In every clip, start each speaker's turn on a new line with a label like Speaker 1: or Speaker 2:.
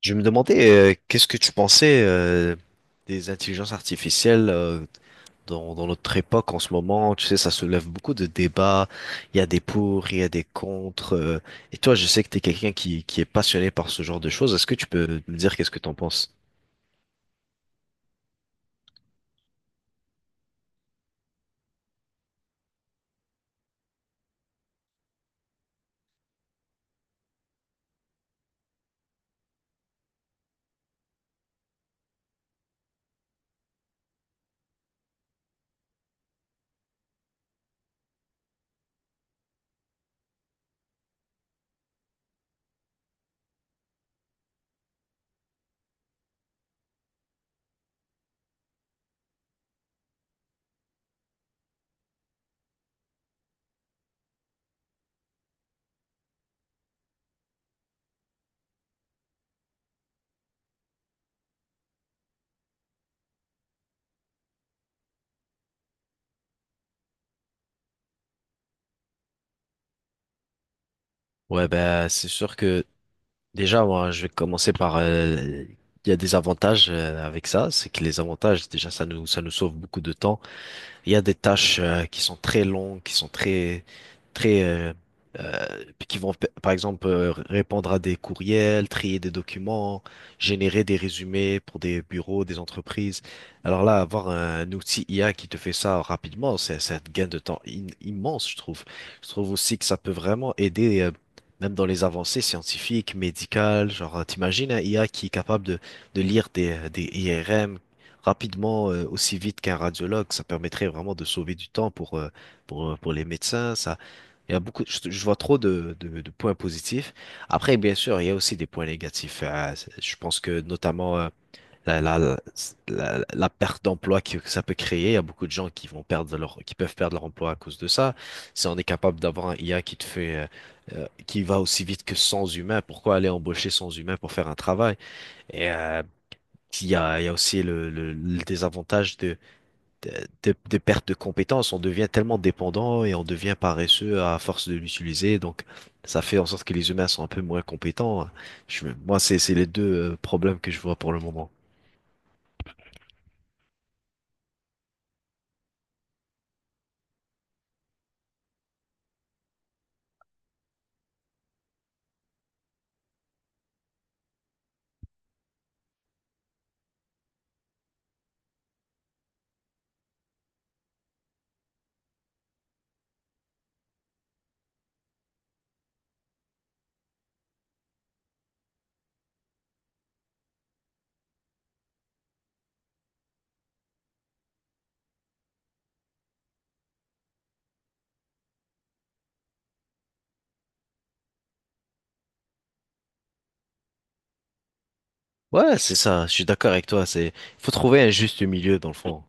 Speaker 1: Je me demandais, qu'est-ce que tu pensais des intelligences artificielles dans notre époque en ce moment? Tu sais, ça soulève beaucoup de débats. Il y a des pour, il y a des contre. Et toi, je sais que tu es quelqu'un qui est passionné par ce genre de choses. Est-ce que tu peux me dire qu'est-ce que tu en penses? Ouais, ben, c'est sûr que déjà, moi, je vais commencer par... il y a des avantages avec ça. C'est que les avantages, déjà, ça nous sauve beaucoup de temps. Il y a des tâches qui sont très longues, qui sont très, euh, euh, par exemple répondre à des courriels, trier des documents, générer des résumés pour des bureaux, des entreprises. Alors là, avoir un outil IA qui te fait ça rapidement, c'est un gain de temps immense, je trouve. Je trouve aussi que ça peut vraiment aider. Même dans les avancées scientifiques, médicales, genre, t'imagines un IA qui est capable de lire des IRM, rapidement, aussi vite qu'un radiologue. Ça permettrait vraiment de sauver du temps pour les médecins. Il y a beaucoup, je vois trop de points positifs. Après, bien sûr, il y a aussi des points négatifs. Je pense que notamment la, la, la perte d'emploi que ça peut créer. Il y a beaucoup de gens qui peuvent perdre leur emploi à cause de ça. Si on est capable d'avoir un IA qui te fait qui va aussi vite que sans humain, pourquoi aller embaucher sans humain pour faire un travail? Et il y a aussi le désavantage de, de perte de compétences. On devient tellement dépendant et on devient paresseux à force de l'utiliser. Donc, ça fait en sorte que les humains sont un peu moins compétents. C'est les deux problèmes que je vois pour le moment. Ouais, c'est ça. Je suis d'accord avec toi. C'est, faut trouver un juste milieu dans le fond.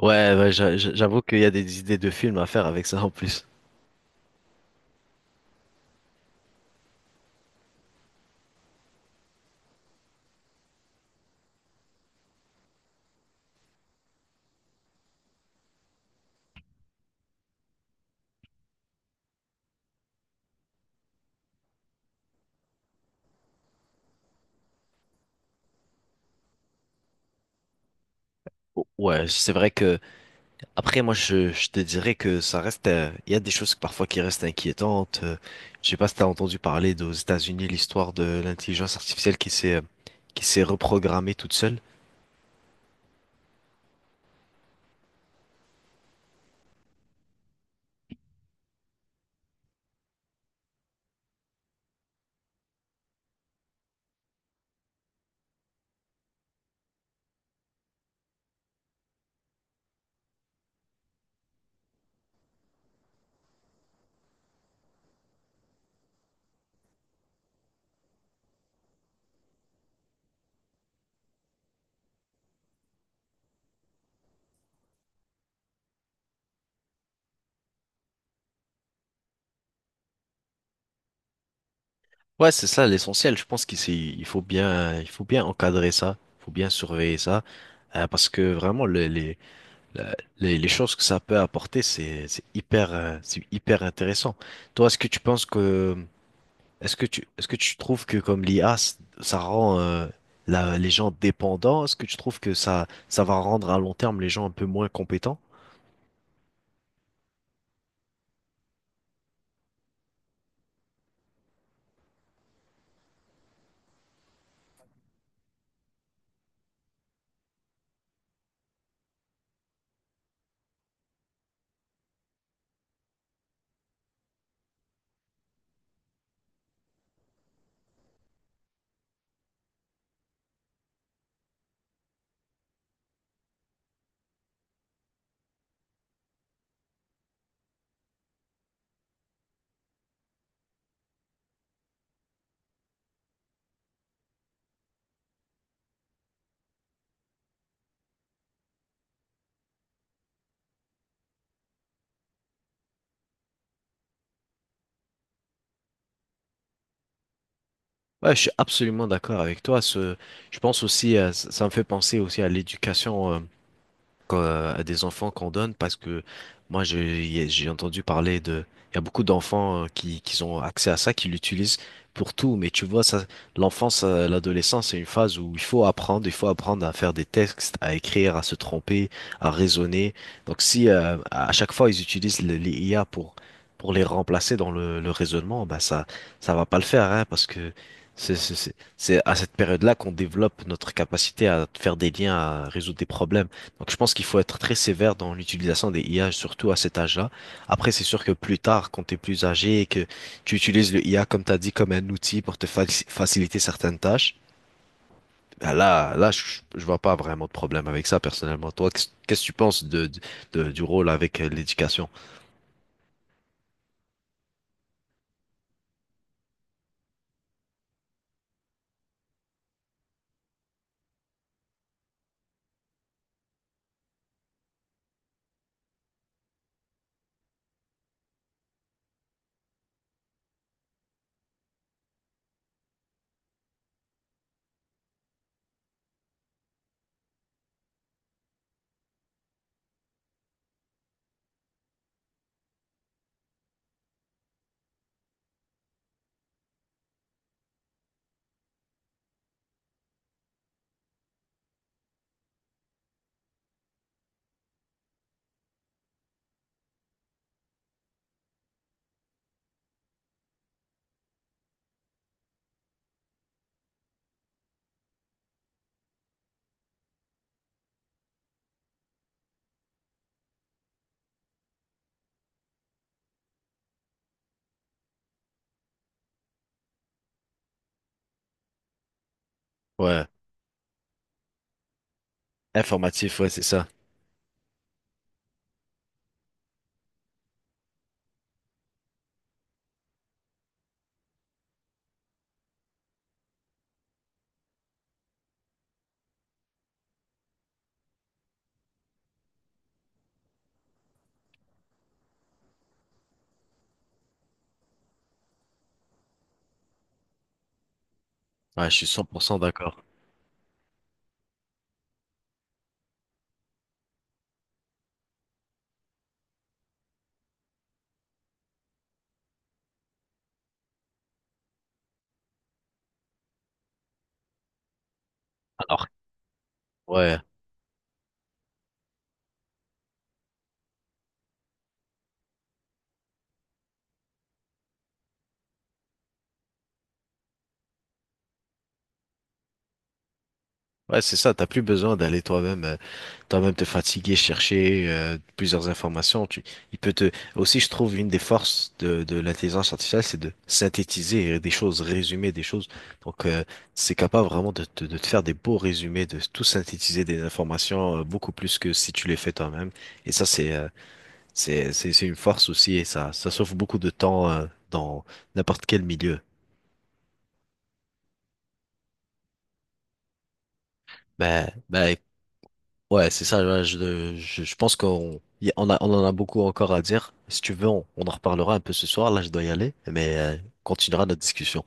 Speaker 1: Ouais, ouais, j'avoue qu'il y a des idées de films à faire avec ça en plus. Ouais, c'est vrai que après, moi, je te dirais que ça reste, il y a des choses parfois qui restent inquiétantes. Je sais pas si t'as entendu parler d'aux États-Unis l'histoire de l'intelligence artificielle qui s'est reprogrammée toute seule. Ouais, c'est ça l'essentiel. Je pense il faut bien encadrer ça, il faut bien surveiller ça, parce que vraiment les choses que ça peut apporter, c'est hyper intéressant. Toi, est-ce que tu penses que est-ce que est-ce que tu trouves que comme l'IA, ça rend les gens dépendants? Est-ce que tu trouves que ça va rendre à long terme les gens un peu moins compétents? Ouais, je suis absolument d'accord avec toi. Je pense aussi, ça me fait penser aussi à l'éducation. À des enfants qu'on donne parce que moi j'ai entendu parler de il y a beaucoup d'enfants qui ont accès à ça qui l'utilisent pour tout, mais tu vois, ça l'enfance, l'adolescence, c'est une phase où il faut apprendre, il faut apprendre à faire des textes, à écrire, à se tromper, à raisonner. Donc si à chaque fois ils utilisent les IA pour les remplacer dans le raisonnement, bah ça va pas le faire, hein, parce que c'est à cette période-là qu'on développe notre capacité à faire des liens, à résoudre des problèmes. Donc, je pense qu'il faut être très sévère dans l'utilisation des IA, surtout à cet âge-là. Après, c'est sûr que plus tard, quand tu es plus âgé et que tu utilises le IA, comme tu as dit, comme un outil pour faciliter certaines tâches, là, je vois pas vraiment de problème avec ça, personnellement. Toi, qu'est-ce que tu penses du rôle avec l'éducation? Ouais, informatif, ouais, c'est ça. Ouais, je suis cent pour cent d'accord. Alors, ouais. Ouais, c'est ça, t'as plus besoin d'aller toi-même toi-même te fatiguer, chercher plusieurs informations. Il peut te aussi, je trouve, une des forces de l'intelligence artificielle, c'est de synthétiser des choses, résumer des choses. Donc, c'est capable vraiment de te faire des beaux résumés, de tout synthétiser des informations beaucoup plus que si tu les fais toi-même. Et ça, c'est c'est une force aussi, et ça sauve beaucoup de temps dans n'importe quel milieu. Ben, ben, Ouais, c'est ça. Ouais, je pense qu'on y on en a beaucoup encore à dire. Si tu veux, on en reparlera un peu ce soir. Là, je dois y aller, mais on continuera notre discussion.